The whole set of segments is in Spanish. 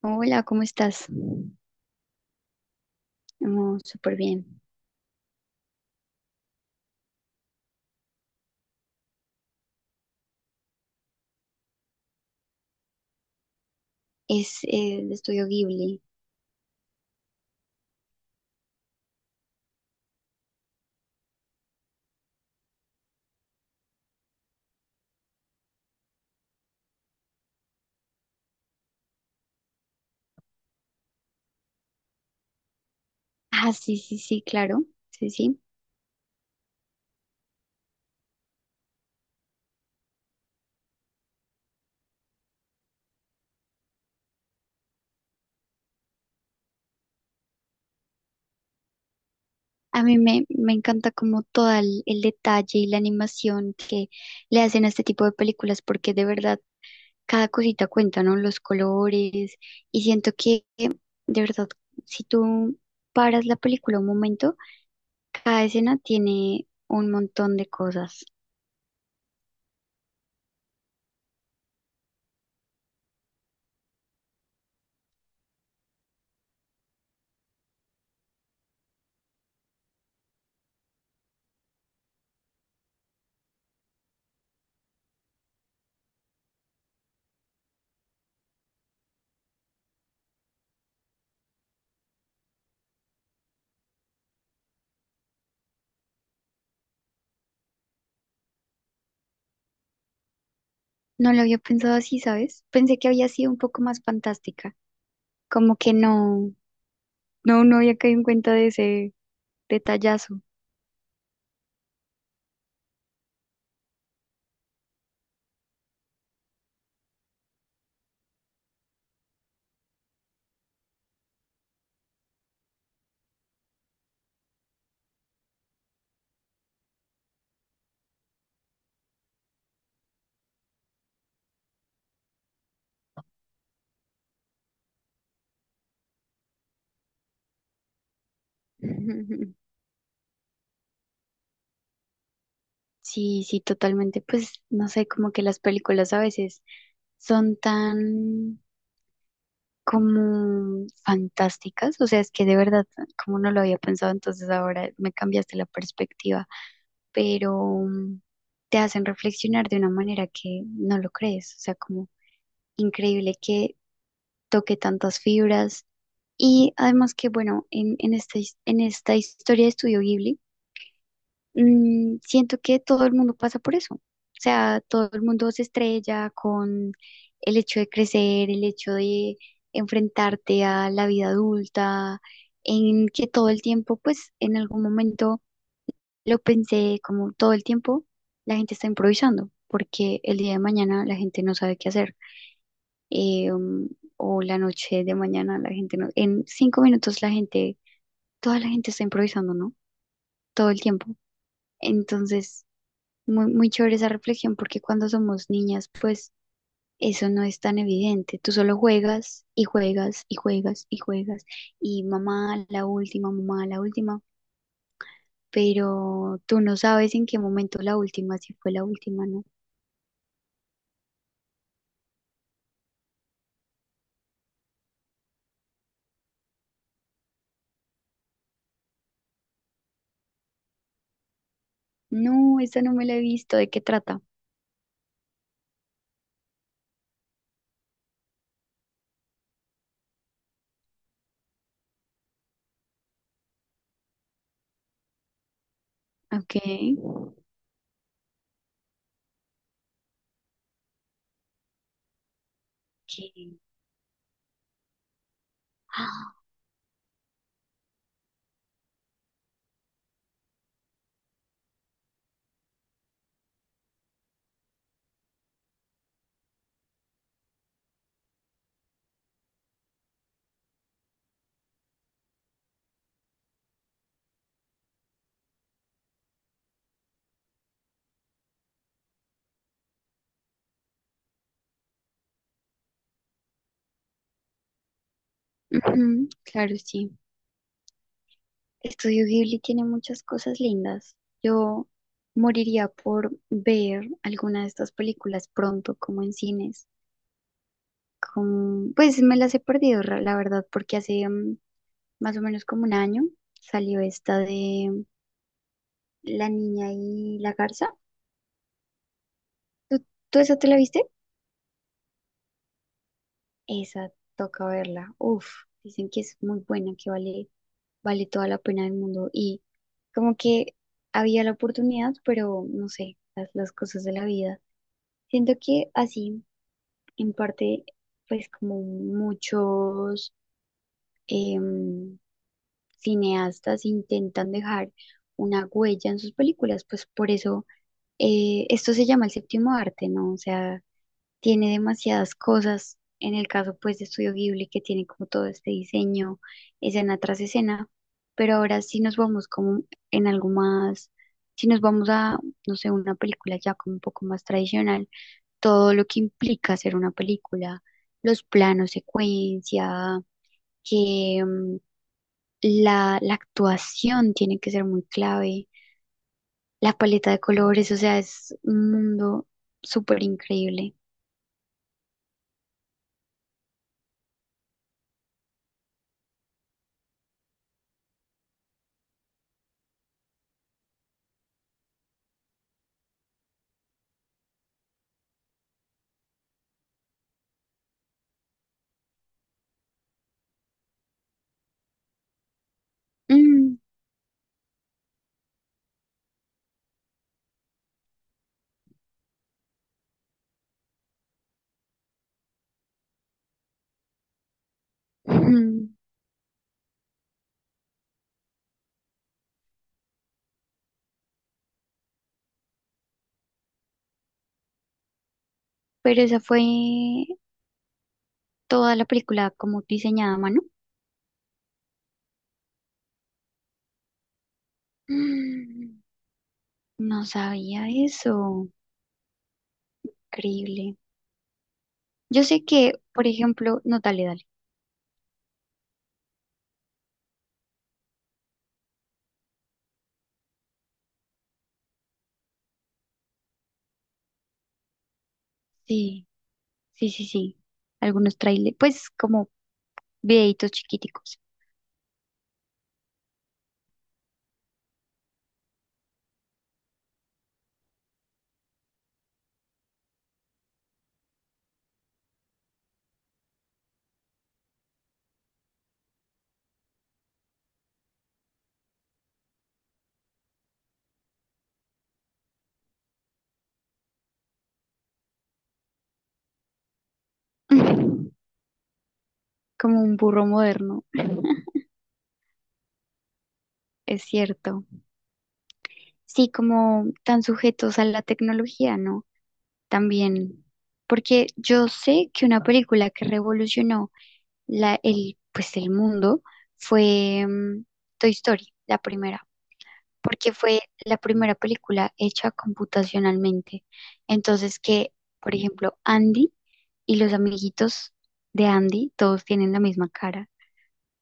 Hola, ¿cómo estás? Oh, súper bien. Es de Estudio Ghibli. Ah, sí, sí, sí, claro. Sí, sí. A mí me encanta como todo el detalle y la animación que le hacen a este tipo de películas porque de verdad cada cosita cuenta, ¿no? Los colores, y siento que de verdad, si tú paras la película un momento, cada escena tiene un montón de cosas. No lo había pensado así, ¿sabes? Pensé que había sido un poco más fantástica, como que no. No, no había caído en cuenta de ese detallazo. Sí, sí, totalmente. Pues no sé, como que las películas a veces son tan como fantásticas. O sea, es que de verdad, como no lo había pensado, entonces ahora me cambiaste la perspectiva. Pero mm, te hacen reflexionar de una manera que no lo crees. O sea, como increíble que toque tantas fibras. Y además que, bueno, en esta, en esta historia de Estudio Ghibli, siento que todo el mundo pasa por eso. O sea, todo el mundo se estrella con el hecho de crecer, el hecho de enfrentarte a la vida adulta, en que todo el tiempo, pues en algún momento lo pensé, como todo el tiempo, la gente está improvisando, porque el día de mañana la gente no sabe qué hacer. eh, um, o la noche de mañana la gente no, en 5 minutos la gente, toda la gente está improvisando, ¿no? Todo el tiempo. Entonces, muy, muy chévere esa reflexión porque cuando somos niñas, pues eso no es tan evidente. Tú solo juegas y juegas y juegas y juegas y mamá la última, pero tú no sabes en qué momento la última, si fue la última, ¿no? No, esta no me la he visto, ¿de qué trata? Ok. Ok. Ah, ujú, claro, sí. Estudio Ghibli tiene muchas cosas lindas. Yo moriría por ver alguna de estas películas pronto, como en cines. Pues me las he perdido, la verdad, porque hace más o menos como un año salió esta de La niña y la garza. ¿Tú, tú esa te la viste? Esa toca verla. Uf, dicen que es muy buena, que vale, vale toda la pena del mundo. Y como que había la oportunidad, pero no sé, las cosas de la vida. Siento que así, en parte, pues como muchos... em, cineastas intentan dejar una huella en sus películas, pues por eso esto se llama el séptimo arte, ¿no? O sea, tiene demasiadas cosas, en el caso pues de Estudio Ghibli, que tiene como todo este diseño, escena tras escena, pero ahora sí nos vamos como en algo más, si nos vamos a, no sé, una película ya como un poco más tradicional, todo lo que implica hacer una película, los planos, secuencia, que la actuación tiene que ser muy clave, la paleta de colores, o sea, es un mundo súper increíble. Mm, mm. Pero esa fue toda la película como diseñada a mano. Mm, No sabía eso, increíble. Yo sé que, por ejemplo, no, dale, dale. Sí, sí, sí, sí. Algunos trailers, pues como videitos chiquiticos, como un burro moderno, es cierto. Sí, como tan sujetos a la tecnología, ¿no? También, porque yo sé que una película que revolucionó pues, el mundo fue Toy Story, la primera, porque fue la primera película hecha computacionalmente. Entonces, que, por ejemplo, Andy y los amiguitos de Andy, todos tienen la misma cara,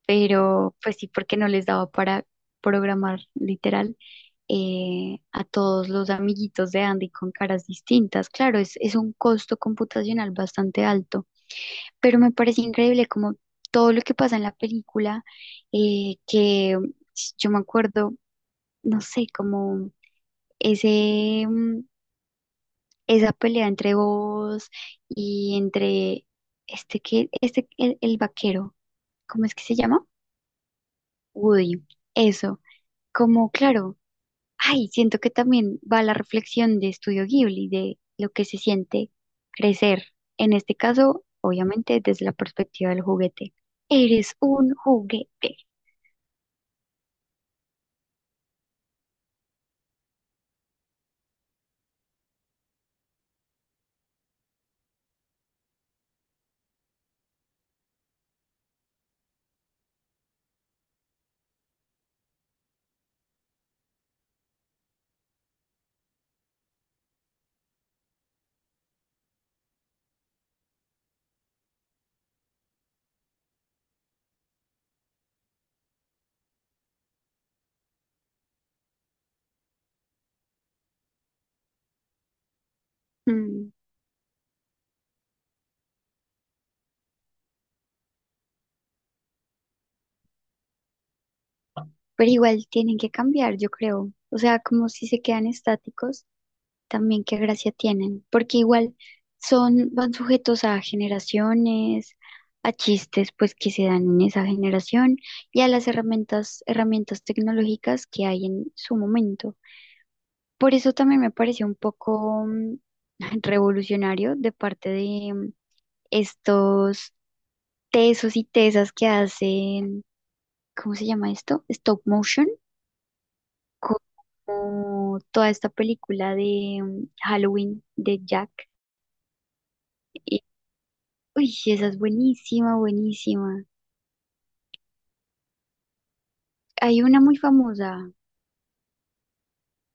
pero pues sí, porque no les daba para programar literal a todos los amiguitos de Andy con caras distintas. Claro, es un costo computacional bastante alto, pero me parece increíble como todo lo que pasa en la película, que yo me acuerdo, no sé, como ese, mm, esa pelea entre vos y entre el vaquero, ¿cómo es que se llama? Woody. Eso. Como claro, ay, siento que también va la reflexión de Estudio Ghibli, de lo que se siente crecer. En este caso, obviamente, desde la perspectiva del juguete. Eres un juguete. Mm, Pero igual tienen que cambiar, yo creo. O sea, como si se quedan estáticos, también qué gracia tienen, porque igual son, van sujetos a generaciones, a chistes pues que se dan en esa generación y a las herramientas, herramientas tecnológicas que hay en su momento. Por eso también me pareció un poco revolucionario de parte de estos tesos y tesas que hacen, ¿cómo se llama esto? Stop motion. Como toda esta película de Halloween de Jack. Uy, sí, esa es buenísima, buenísima. Hay una muy famosa.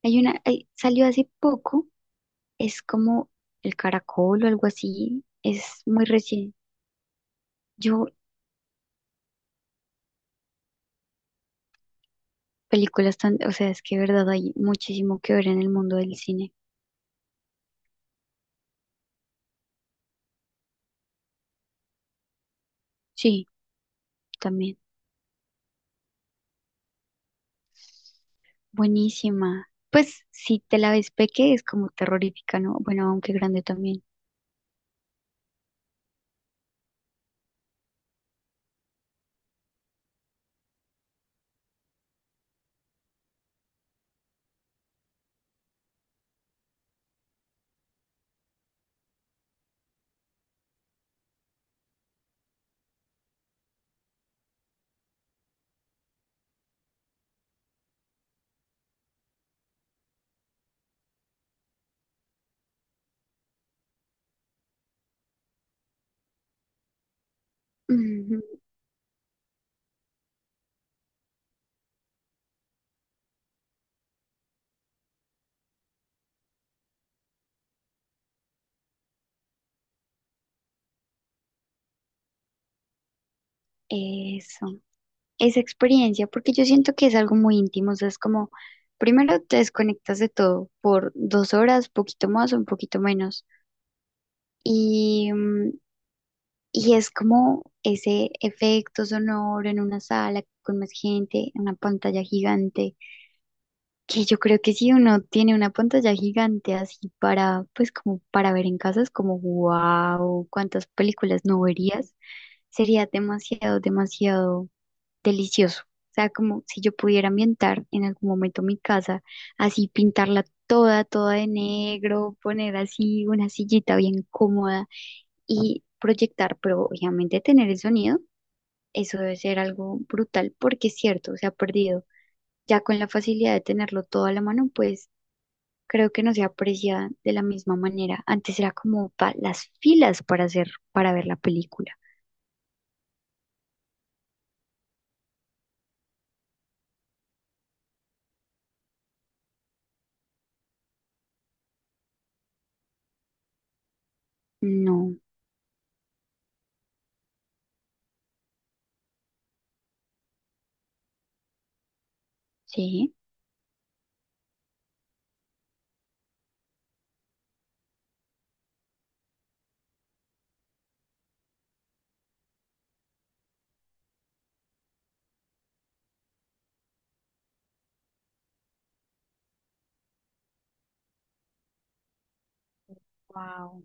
Hay una, salió hace poco. Es como El Caracol o algo así. Es muy recién. Yo, películas tan, o sea, es que de verdad hay muchísimo que ver en el mundo del cine. Sí, también. Buenísima. Pues si te la ves peque es como terrorífica, ¿no? Bueno, aunque grande también. Ujú. Eso, esa experiencia, porque yo siento que es algo muy íntimo, o sea, es como, primero te desconectas de todo por 2 horas, poquito más o un poquito menos, y, mm, y es como ese efecto sonoro en una sala con más gente, en una pantalla gigante, que yo creo que si uno tiene una pantalla gigante así para, pues como para ver en casa, es como, wow, cuántas películas no verías, sería demasiado, demasiado delicioso. O sea, como si yo pudiera ambientar en algún momento mi casa, así pintarla toda, toda de negro, poner así una sillita bien cómoda y proyectar, pero obviamente tener el sonido, eso debe ser algo brutal porque es cierto, se ha perdido. Ya con la facilidad de tenerlo todo a la mano, pues creo que no se aprecia de la misma manera. Antes era como las filas para hacer, para ver la película. No, sí, wow,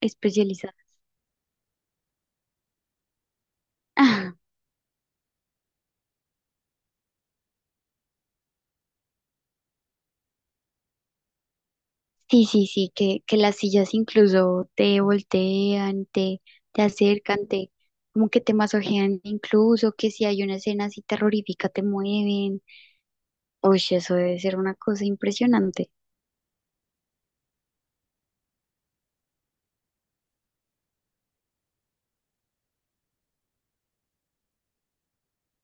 especializada. Sí, sí, sí, que las sillas incluso te voltean, te acercan, te, como que te masojean, incluso que si hay una escena así terrorífica te mueven. Uy, eso debe ser una cosa impresionante.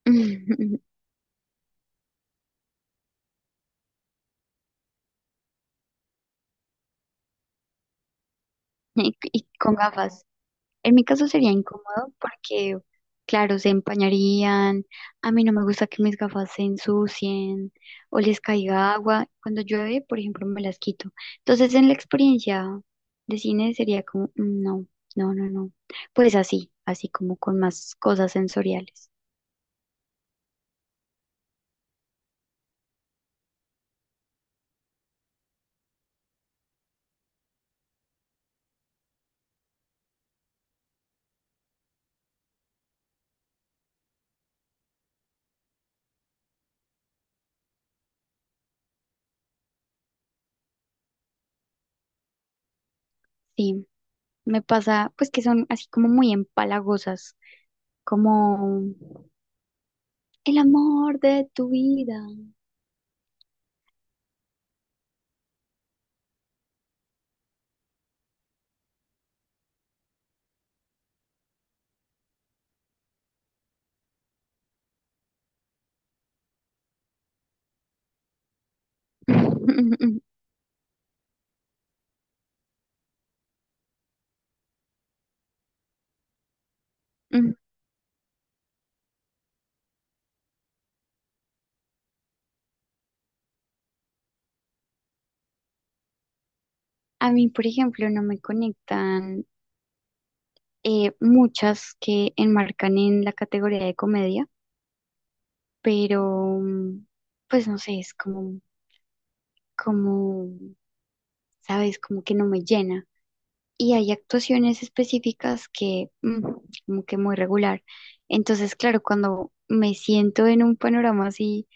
Y, y con gafas. En mi caso sería incómodo porque, claro, se empañarían, a mí no me gusta que mis gafas se ensucien o les caiga agua. Cuando llueve, por ejemplo, me las quito. Entonces, en la experiencia de cine sería como, "Mm, no, no, no, no". Pues así, así como con más cosas sensoriales. Sí, me pasa, pues que son así como muy empalagosas, como el amor de tu vida. Ujú. A mí, por ejemplo, no me conectan muchas que enmarcan en la categoría de comedia, pero pues no sé, es como, sabes, como que no me llena. Y hay actuaciones específicas que como que muy regular. Entonces, claro, cuando me siento en un panorama así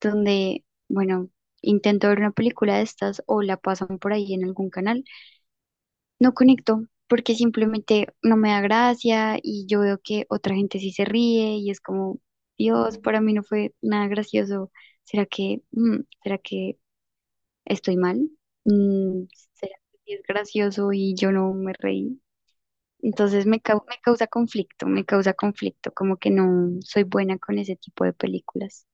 donde, bueno, intento ver una película de estas o la pasan por ahí en algún canal, no conecto porque simplemente no me da gracia y yo veo que otra gente sí se ríe y es como, Dios, para mí no fue nada gracioso. ¿Será que, será que estoy mal? Mm, ¿Será que sí es gracioso y yo no me reí? Entonces me, me causa conflicto, como que no soy buena con ese tipo de películas.